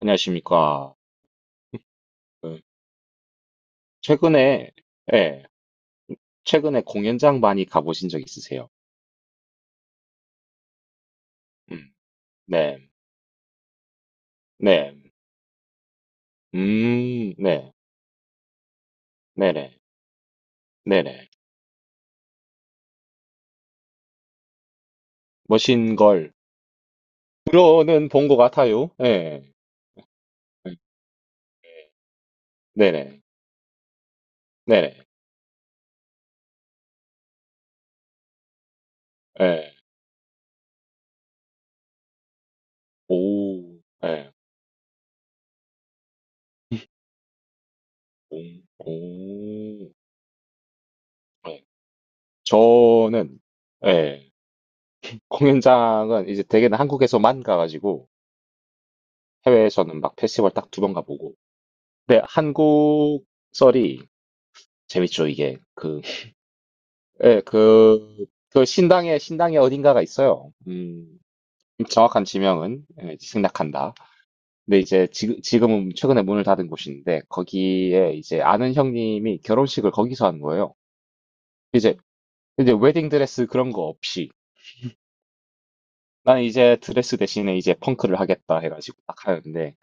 안녕하십니까. 그, 최근에, 예, 최근에 공연장 많이 가보신 적 있으세요? 음, 네, 네, 네, 네네, 네네. 멋진 걸. 들어는 본 것 같아요. 예, 예, 네네, 네네, 예, 오, 예, 오, 오, 예. 저는, 예, 공연장은 이제 대개는 한국에서만 가가지고 해외에서는 막 페스티벌 딱 두 번 가보고. 네 한국, 썰이 재밌죠, 이게. 예, 그 신당에 어딘가가 있어요. 정확한 지명은 예, 생략한다. 근데 이제 지금은 최근에 문을 닫은 곳인데, 거기에 이제 아는 형님이 결혼식을 거기서 한 거예요. 이제, 이제 웨딩 드레스 그런 거 없이. 나는 이제 드레스 대신에 이제 펑크를 하겠다 해가지고 딱 하는데.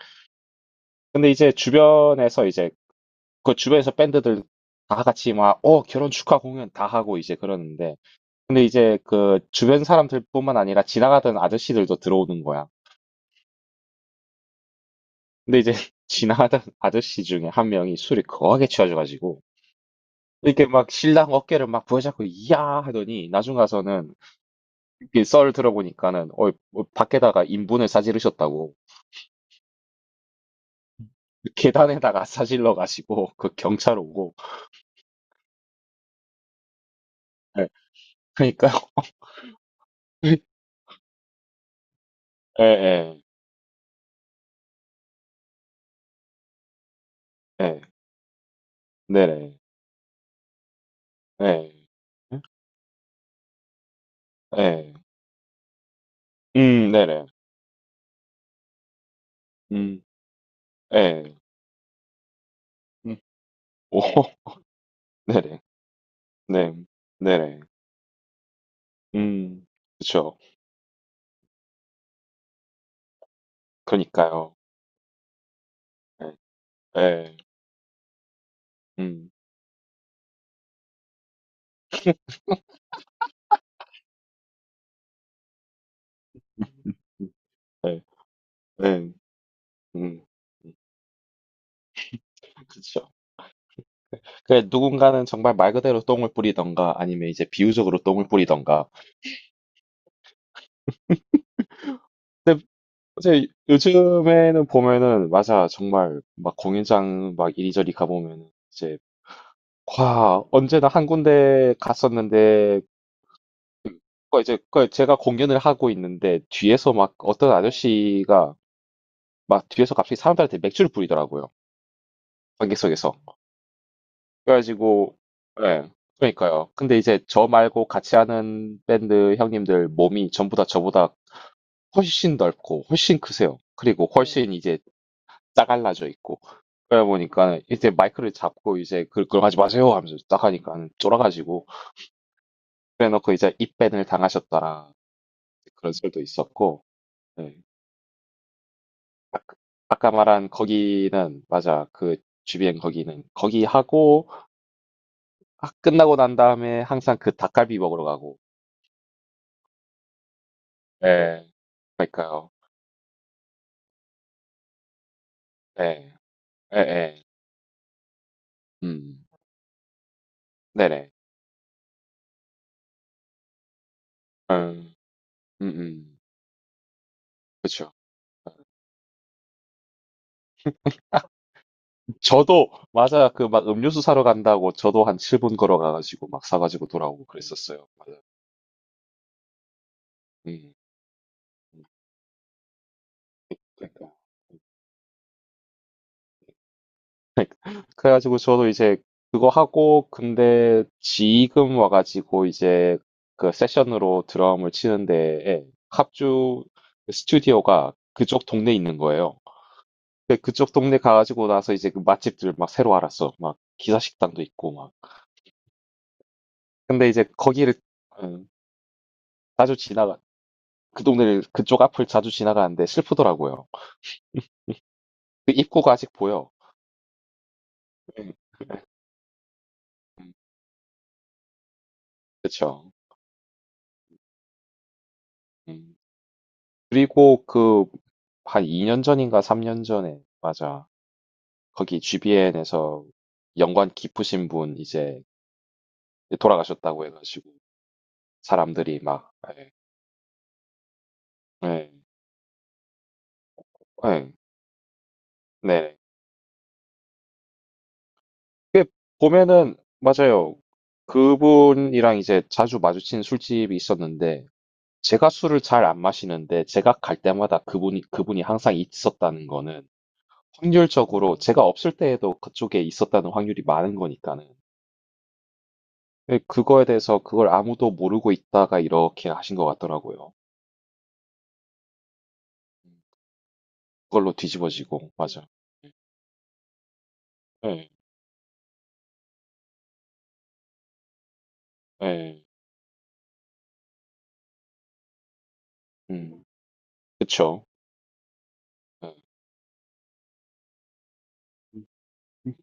근데 이제 주변에서 이제, 그 주변에서 밴드들 다 같이 막, 결혼 축하 공연 다 하고 이제 그러는데, 근데 이제 그 주변 사람들뿐만 아니라 지나가던 아저씨들도 들어오는 거야. 근데 이제 지나가던 아저씨 중에 한 명이 술이 거하게 취해져가지고 이렇게 막 신랑 어깨를 막 부여잡고 이야 하더니 나중 가서는 이썰 들어보니까는 밖에다가 인분을 싸지르셨다고 계단에다가 싸질러 가지고 그 경찰 오고. 예, 그러니까. 예예예 네네 예 예. 네네. 음, 예. 음, 오, 네네. 네. 네네. 음. 그쵸. 그니까요. 러 예. 예. 음. 음. 네, 예. 예. 음. 음. 그쵸. 그 누군가는 정말 말 그대로 똥을 뿌리던가 아니면 이제 비유적으로 똥을 뿌리던가. 이제 요즘에는 보면은 맞아. 정말 막 공연장 막 이리저리 가보면은 이제 와 언제나 한 군데 갔었는데 그 이제 그 제가 공연을 하고 있는데 뒤에서 막 어떤 아저씨가 막 뒤에서 갑자기 사람들한테 맥주를 뿌리더라고요. 관객석에서. 그래가지고, 예. 그러니까요. 근데 이제 저 말고 같이 하는 밴드 형님들 몸이 전부 다 저보다 훨씬 넓고, 훨씬 크세요. 그리고 네. 훨씬 이제 짜갈라져 있고. 그러다 보니까 이제 마이크를 잡고 이제 그걸 하지 마세요 하면서 딱 하니까 쫄아가지고. 그래놓고 이제 입밴을 당하셨다라. 그런 썰도 있었고. 예. 아- 아까 말한 거기는, 맞아. 그 주변 거기는. 거기 하고, 아, 끝나고 난 다음에 항상 그 닭갈비 먹으러 가고. 네 그러니까요. 네 예예. 음. 네네. 음. 음음. 그쵸. 저도 맞아요. 그 막 음료수 사러 간다고 저도 한 7분 걸어가 가지고 막 사 가지고 돌아오고 그랬었어요. 맞아요. 음. 음. 그러니까. 그러니까 그래 가지고 저도 이제 그거 하고 근데 지금 와 가지고 이제 그 세션으로 드럼을 치는데 예 합주 스튜디오가 그쪽 동네에 있는 거예요. 그쪽 동네 가가지고 나서 이제 그 맛집들 막 새로 알았어. 막 기사식당도 있고 막. 근데 이제 거기를 음, 자주 지나가 그 동네를 그쪽 앞을 자주 지나가는데 슬프더라고요. 그 입구가 아직 보여. 음, 음, 그쵸. 음. 그리고 그 한 2년 전인가 3년 전에 맞아. 거기 GBN에서 연관 깊으신 분 이제 돌아가셨다고 해가지고 사람들이 막 예, 예, 예, 네. 봄에는 맞아요. 그분이랑 이제 자주 마주친 술집이 있었는데 제가 술을 잘 안 마시는데 제가 갈 때마다 그분이 항상 있었다는 거는 확률적으로 제가 없을 때에도 그쪽에 있었다는 확률이 많은 거니까는. 근데 그거에 대해서 그걸 아무도 모르고 있다가 이렇게 하신 것 같더라고요. 그걸로 뒤집어지고 맞아. 예, 예, 음, 그쵸. 예.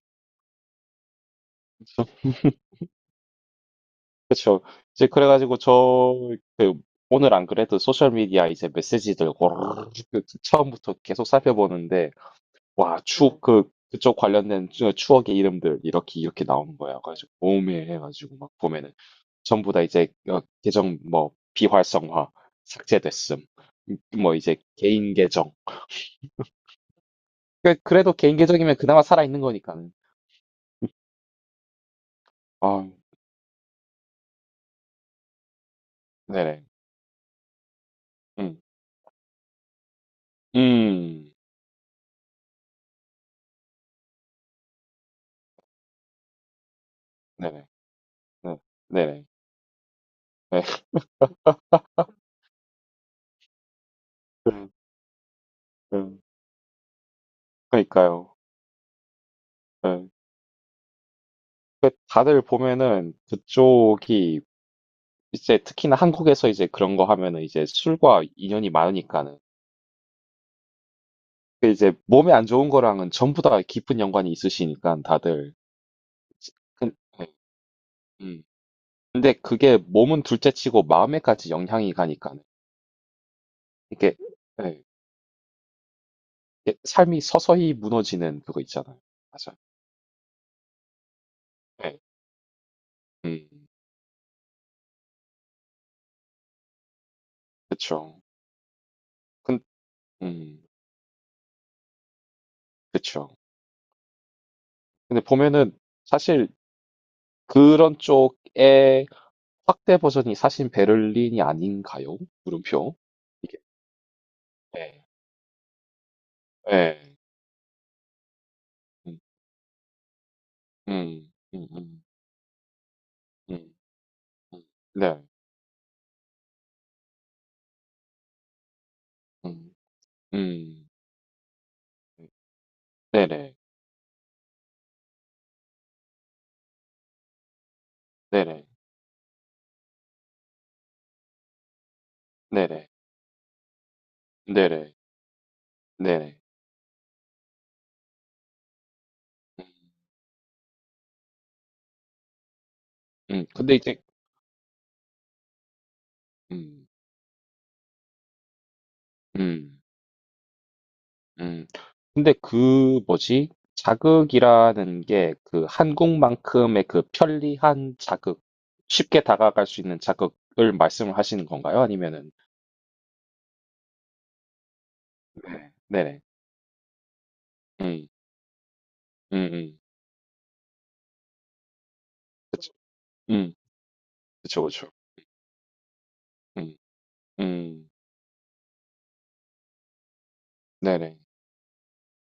그쵸. 이제 그래가지고 저 그 오늘 안 그래도 소셜 미디어 이제 메시지들 고르르 그 처음부터 계속 살펴보는데 와 추억 네. 그 그쪽 관련된 추억의 이름들 이렇게 이렇게 나오는 거야. 가지고 오메해가지고 막 보면은 전부 다 이제 계정 뭐 비활성화 삭제됐음. 뭐 이제 개인 계정. 그래도 개인 계정이면 그나마 살아 있는 거니까는. 아 네네. 음. 음. 네네. 네. 네네. 네. 음. 음. 그러니까요. 예. 그 다들 보면은 그쪽이 이제 특히나 한국에서 이제 그런 거 하면은 이제 술과 인연이 많으니까는 그 이제 몸에 안 좋은 거랑은 전부 다 깊은 연관이 있으시니까 다들 예, 음. 근데 그게 몸은 둘째치고 마음에까지 영향이 가니까 이게 예, 이게 삶이 서서히 무너지는 그거 있잖아요. 맞아요. 예. 음, 그쵸. 근, 음, 그쵸. 근데 보면은 사실 그런 쪽에 확대 버전이 사실 베를린이 아닌가요? 물음표. 이게 예. 예. 음. 음. 음. 음. 음. 음. 네. 음. 음. 네네. 네네. 네네. 네네. 네네. 음. 음. 근데 이제 음. 음. 음. 근데 그 뭐지? 자극이라는 게 그 한국만큼의 그 편리한 자극, 쉽게 다가갈 수 있는 자극을 말씀을 하시는 건가요? 아니면은 네. 네네. 음. 음. 음. 그쵸. 음. 그쵸, 그쵸. 음. 음. 네네.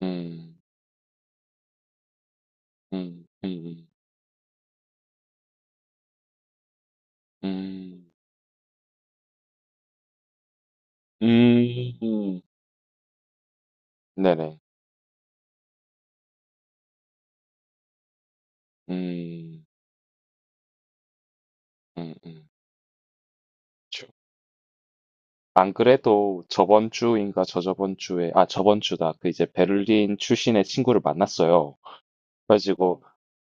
음. 음. 음. 음. 음, 네네. 음. 음음. 그쵸. 안 그래도 저번 주인가 저저번 주에 아 저번 주다. 그 이제 베를린 출신의 친구를 만났어요. 그래 가지고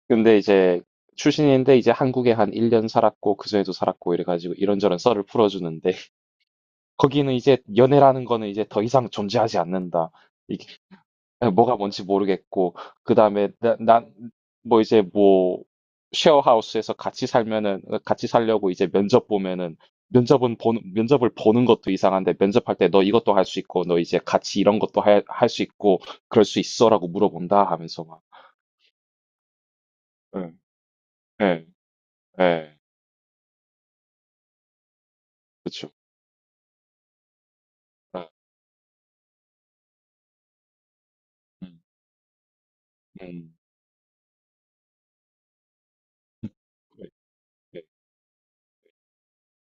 근데 이제 출신인데 이제 한국에 한 1년 살았고 그전에도 살았고 이래 가지고 이런저런 썰을 풀어 주는데. 거기는 이제 연애라는 거는 이제 더 이상 존재하지 않는다. 뭐가 뭔지 모르겠고 그 다음에 난 뭐 이제 뭐 쉐어하우스에서 같이 살면은 같이 살려고 이제 면접 보면은 면접은 보는 면접을 보는 것도 이상한데 면접할 때 너 이것도 할 수 있고 너 이제 같이 이런 것도 할 수 있고 그럴 수 있어라고 물어본다 하면서 막 예, 예, 예, 그렇죠. 예, 음, 음, 예, 예.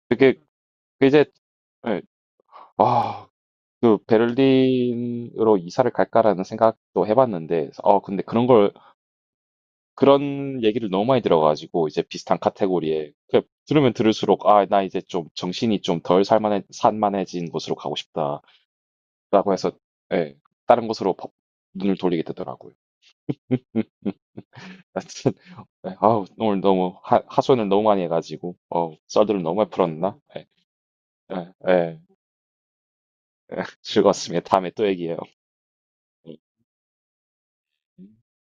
그게 그게 이제 예, 아, 그 베를린으로 이사를 갈까라는 생각도 해봤는데 근데 그런 걸 그런 얘기를 너무 많이 들어가지고 이제 비슷한 카테고리에 그 들으면 들을수록 아, 나 이제 좀 정신이 좀 덜 살만해 산만해진 곳으로 가고 싶다라고 해서 예, 다른 곳으로 눈을 돌리게 되더라고요. 하여튼 예, 아우 오늘 너무 하소연을 너무 많이 해가지고 썰들을 너무 많이 풀었나? 예, 예, 예, 예, 즐거웠습니다. 다음에 또 얘기해요. 예.